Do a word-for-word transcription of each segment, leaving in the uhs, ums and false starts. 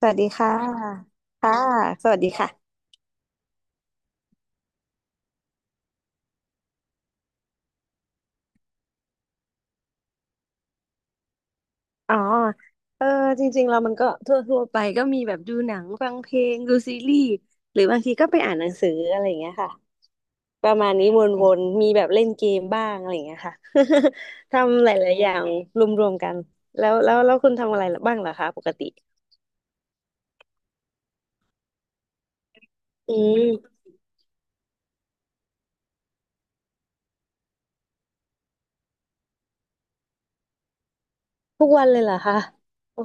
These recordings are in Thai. สวัสดีค่ะค่ะสวัสดีค่ะอ๋อเออจริงๆเรามันก็ทั่วทั่วไปก็มีแบบดูหนังฟังเพลงดูซีรีส์หรือบางทีก็ไปอ่านหนังสืออะไรอย่างเงี้ยค่ะประมาณนี้วนๆมีแบบเล่นเกมบ้างอะไรอย่างเงี้ยค่ะ ทำหลายๆอย่างรวมๆกันแล้วแล้วแล้วคุณทำอะไรบ้างเหรอคะปกติอืมทุกวันเลยเหรอคะ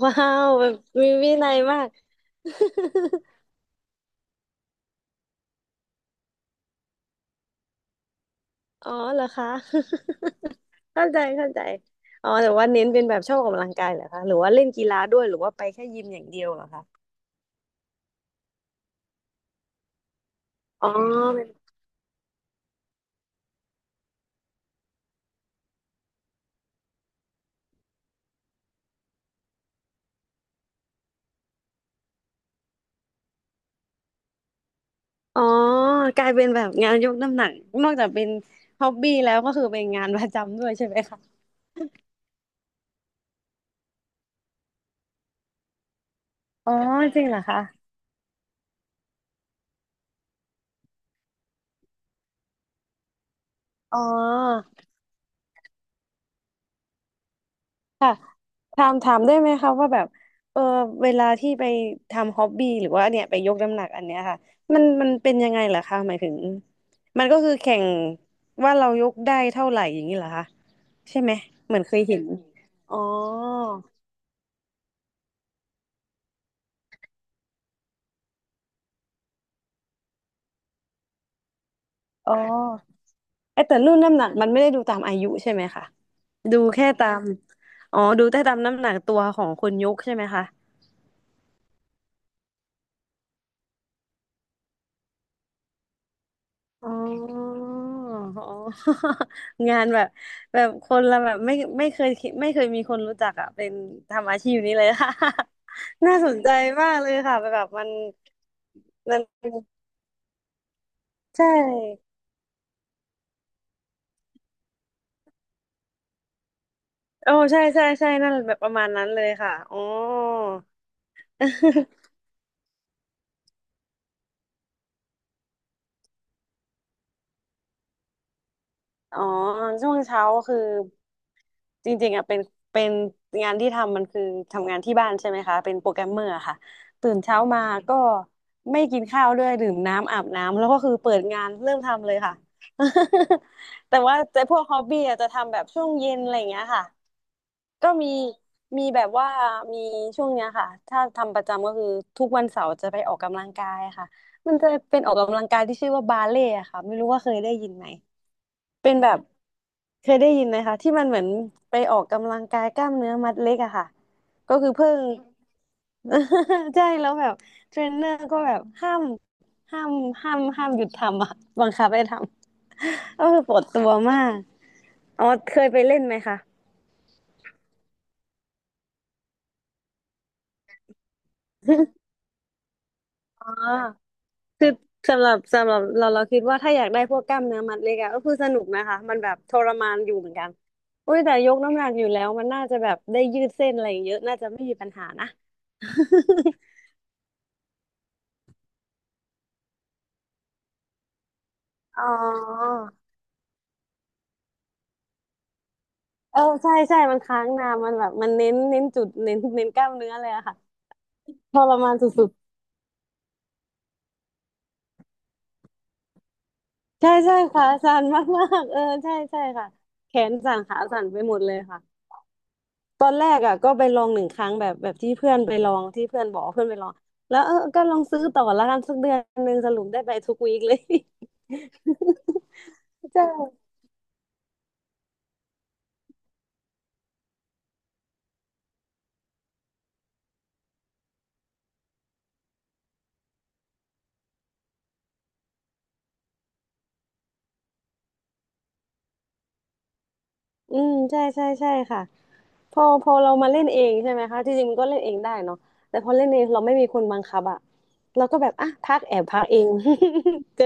ว้าวแบบมีวินัยมาก อ๋อเหรอคะ เข้าใจเข้าใจอ๋อแต่ว่าเน้นเป็นแบบชอบออกกำลังกายเหรอคะหรือว่าเล่นกีฬาด้วยหรือว่าไปแค่ยิมอย่างเดียวเหรอคะอ๋อเป็นอ๋อกลายเป็นแบบงานยกน้ำหนักนอกจากเป็นฮ็อบบี้แล้วก็คือเป็นงานประจำด้วยใช่ไหมคะอ๋อจริงเหรอคะอ๋อ ค่ะถามถามได้ไหมคะว่าแบบเออเวลาที่ไปทำฮ็อบบี้หรือว่าเนี่ยไปยกน้ำหนักอันเนี้ยค่ะมันมันเป็นยังไงเหรอคะหมายถึงมันก็คือแข่งว่าเรายกได้เท่าไหร่อย่างนี้เหรอคะใช่ไหมเหมือนเคยเห็นอ๋ออ๋อเอยแต่รุ่นน้ำหนักมันไม่ได้ดูตามอายุใช่ไหมคะดูแค่ตามอ๋อดูแต่ตามน้ำหนักตัวของคนยกใช่ไหมคะ อ๋ออ๋อ งานแบบแบบคนละแบบไม่ไม่เคยคิดไม่เคยมีคนรู้จักอ่ะเป็นทำอาชีพนี้เลย ค่ะ น่าสนใจมากเลยค่ะแบบมันมันใช่โอ้ใช่ใช่ใช่นั่นแบบประมาณนั้นเลยค่ะอ๋อ อ๋อช่วงเช้าคือจริงๆอ่ะเป็นเป็นงานที่ทำมันคือทำงานที่บ้านใช่ไหมคะเป็นโปรแกรมเมอร์ค่ะตื่นเช้ามาก็ไม่กินข้าวด้วยดื่มน้ำอาบน้ำแล้วก็คือเปิดงานเริ่มทำเลยค่ะ แต่ว่าแต่พวกฮอบบี้อะจะทำแบบช่วงเย็นอะไรอย่างเงี้ยค่ะก็มีมีแบบว่ามีช่วงเนี้ยค่ะถ้าทำประจำก็คือทุกวันเสาร์จะไปออกกำลังกายค่ะมันจะเป็นออกกำลังกายที่ชื่อว่าบาเล่ค่ะไม่รู้ว่าเคยได้ยินไหม เป็นแบบเคยได้ยินไหมคะที่มันเหมือนไปออกกำลังกายกล้ามเนื้อมัดเล็กอะค่ะก็คือเพิ่ง ใช่แล้วแบบเทรนเนอร์ก็แบบห้ามห้ามห้ามห้ามหยุดทำอะบังคับให้ทำ ก็คือปวดตัวมากอ๋อเคยไปเล่นไหมคะ อ๋อ คือสำหรับสำหรับเราเราคิดว่าถ้าอยากได้พวกกล้ามเนื้อมัดเล็กอะก็คือสนุกนะคะมันแบบทรมานอยู่เหมือนกันอุ้ยแต่ยกน้ำหนักอยู่แล้วมันน่าจะแบบได้ยืดเส้นอะไรอย่างเยอะน่าจะไม่มีปัญหานะ อ๋อเออใช่ใช่มันค้างนานมันแบบมันเน้นเน้นจุดเน้นเน้นกล้ามเนื้อเลยอะค่ะทรมานสุดๆใช่ใช่ขาสั่นมากๆเออใช่ใช่ค่ะแขนสั่นขาสั่นไปหมดเลยค่ะ ตอนแรกอ่ะก็ไปลองหนึ่งครั้งแบบแบบที่เพื่อนไปลองที่เพื่อนบอกว่าเพื่อนไปลองแล้วเออก็ลองซื้อต่อละกันสักเดือนหนึ่งสรุปได้ไปทุกวีคเลย ใช่อืมใช่ใช่ใช่ค่ะพอพอเรามาเล่นเองใช่ไหมคะที่จริงมันก็เล่นเองได้เนาะแต่พอเล่นเองเราไม่มีคนบังคับอะเราก็แบบอ่ะพักแอบพักเอง เจอ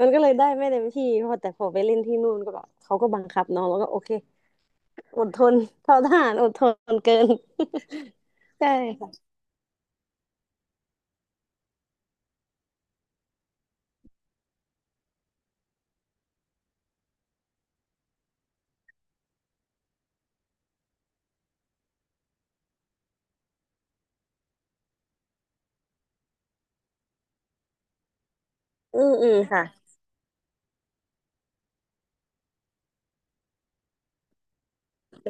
มันก็เลยได้ไม่เต็มที่พอแต่พอไปเล่นที่นู่นก็แบบเขาก็บังคับเนาะแล้วก็โอเคอดทนเท่าทหารอดทนเกิน ใช่ อืมอืมค่ะ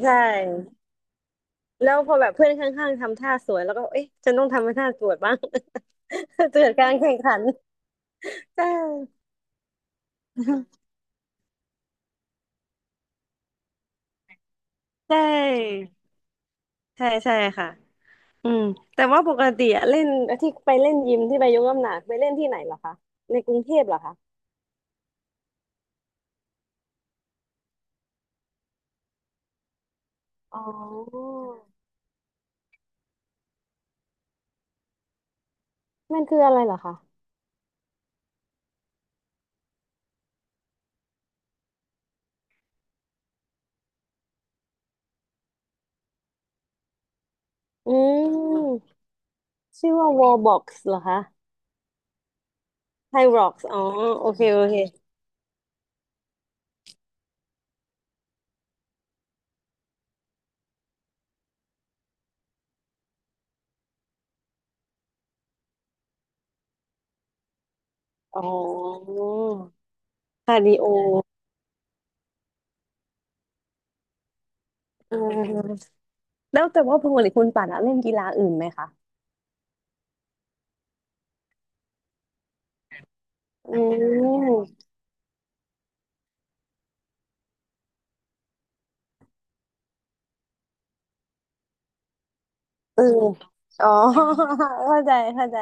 ใช่แล้วพอแบบเพื่อนข้างๆทำท่าสวยแล้วก็เอ๊ะฉันต้องทำให้ท่าสวยบ้าง เกิดการแข่งขันใช่ใช่ใช่ใช่ค่ะอืมแต่ว่าปกติอะเล่นที่ไปเล่นยิมที่ไปยกน้ำหนักไปเล่นที่ไหนเหรอคะในกรุงเทพเหรอคะอ๋อมันคืออะไรเหรอคะอืมชื่อว่า wall box เหรอคะ Thai rocks อ๋อโอเคโอเคอ๋อคาร์ดิโอ แล้วแต่ว่าปกติคุณป่านอะเล่นกีฬาอื่นไหมคะอืมเอออ๋อ เข้าใจเข้าใจ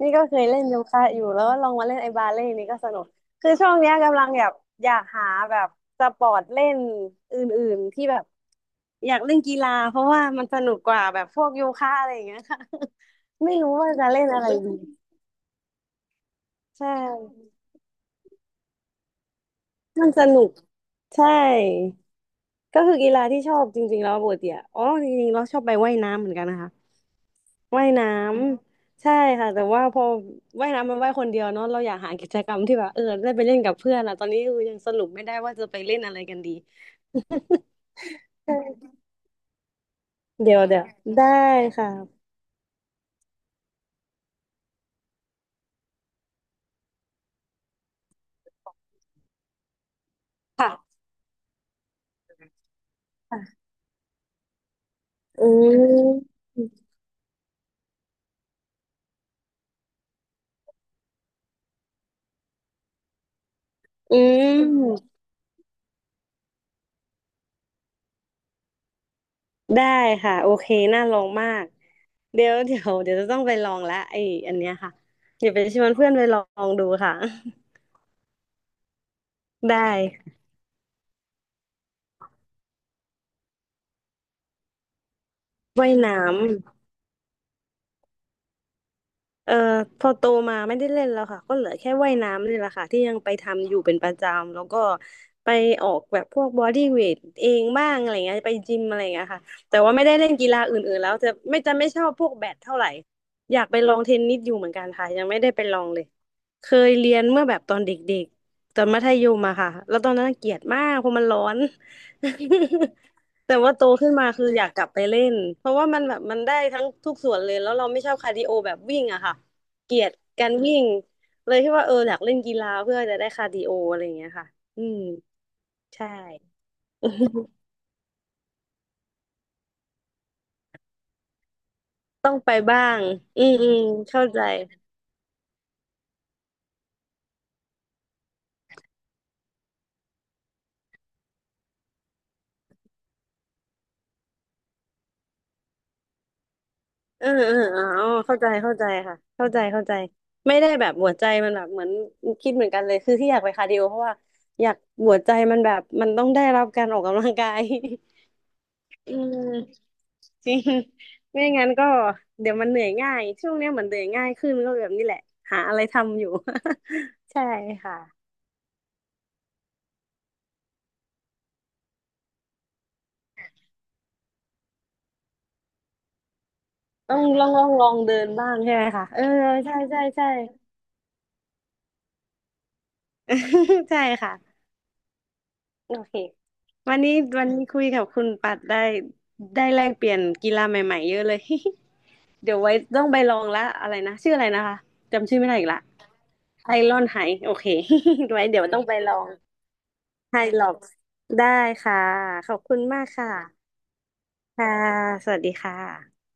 นี่ก็เคยเล่นโยคะอยู่แล้วก็ลองมาเล่นไอ้บาเล่นี่ก็สนุกคือช่วงเนี้ยกำลังแบบอยากหาแบบสปอร์ตเล่นอื่นๆที่แบบอยากเล่นกีฬาเพราะว่ามันสนุกกว่าแบบพวกโยคะอะไรอย่างเงี้ยค่ะ ไม่รู้ว่าจะเล่นอะไรดีใช่มันสนุกใช่ ก็คือกีฬาที่ชอบจริงๆแล้วปกติอะอ๋อจริงๆเราชอบไปว่ายน้ำเหมือนกันนะคะว่ายน้ำใช่ค่ะแต่ว่าพอว่ายน้ำมันว่ายคนเดียวเนาะเราอยากหากิจกรรมที่แบบเออได้ไปเล่นกับเพื่อนอะตอนนี้คือยังสรุปไม่ได้ว่าจะไปเล่นอะไรกันดี ใช่เดี๋ยวเดี๋ยวได้ค่ะค่ะอืมอืมได้ค่ะโอเคน่าลองมากเดี๋ยวเดี๋ยวเดี๋ยวจะต้องไปลองละไออันเนี้ยค่ะเดี๋ยวไปชวนเพื่อนไปลองดูค่ะ ได้ ว่ายน้ำเอ่อพอโตมาไม่ได้เล่นแล้วค่ะก็เหลือแค่ว่ายน้ำนี่แหละค่ะที่ยังไปทำอยู่เป็นประจำแล้วก็ไปออกแบบพวกบอดี้เวทเองบ้างอะไรเงี้ยไปจิมอะไรเงี้ยค่ะแต่ว่าไม่ได้เล่นกีฬาอื่นๆแล้วจะไม่จะไม่ชอบพวกแบดเท่าไหร่อยากไปลองเทนนิสอยู่เหมือนกันค่ะยังไม่ได้ไปลองเลยเคยเรียนเมื่อแบบตอนเด็กๆตอนมัธยมอะค่ะแล้วตอนนั้นเกลียดมากเพราะมันร้อน แต่ว่าโตขึ้นมาคืออยากกลับไปเล่นเพราะว่ามันแบบมันได้ทั้งทุกส่วนเลยแล้วเราไม่ชอบคาร์ดิโอแบบวิ่งอะค่ะเกลียดการวิ่งเลยที่ว่าเอออยากเล่นกีฬาเพื่อจะได้คาร์ดิโออะไรอย่างเงี้ยค่ะอืมใช่ ต้องไปบ้างอืมอืมเข้าใจเออเอออ๋อเข้าใจเข้าใจค่ะเข้าใจเข้าใจไม่ได้แบบหัวใจมันแบบเหมือนคิดเหมือนกันเลยคือที่อยากไปคาร์ดิโอเพราะว่าอยากหัวใจมันแบบมันต้องได้รับการออกกำลังกาย อืม จริง ไม่งั้นก็เดี๋ยวมันเหนื่อยง่ายช่วงเนี้ยเหมือนเหนื่อยง่ายขึ้นก็แบบนี้แหละหาอะไรทำอยู่ ใช่ค่ะต้องลองลองลองเดินบ้างใช่ไหมคะเออใช่ใช่ใช่ ใช่ค่ะโอเควันนี้วันนี้คุยกับคุณปัดได้ได้แลกเปลี่ยนกีฬาใหม่ๆเยอะเลย เดี๋ยวไว้ต้องไปลองละอะไรนะชื่ออะไรนะคะจำชื่อไม่ได้อีกละไอรอนไฮโอเค ไว้เดี๋ยวต้องไปลอง ไฮล็อกได้ค่ะขอบคุณมากค่ะค่ะสวัสดีค่ะ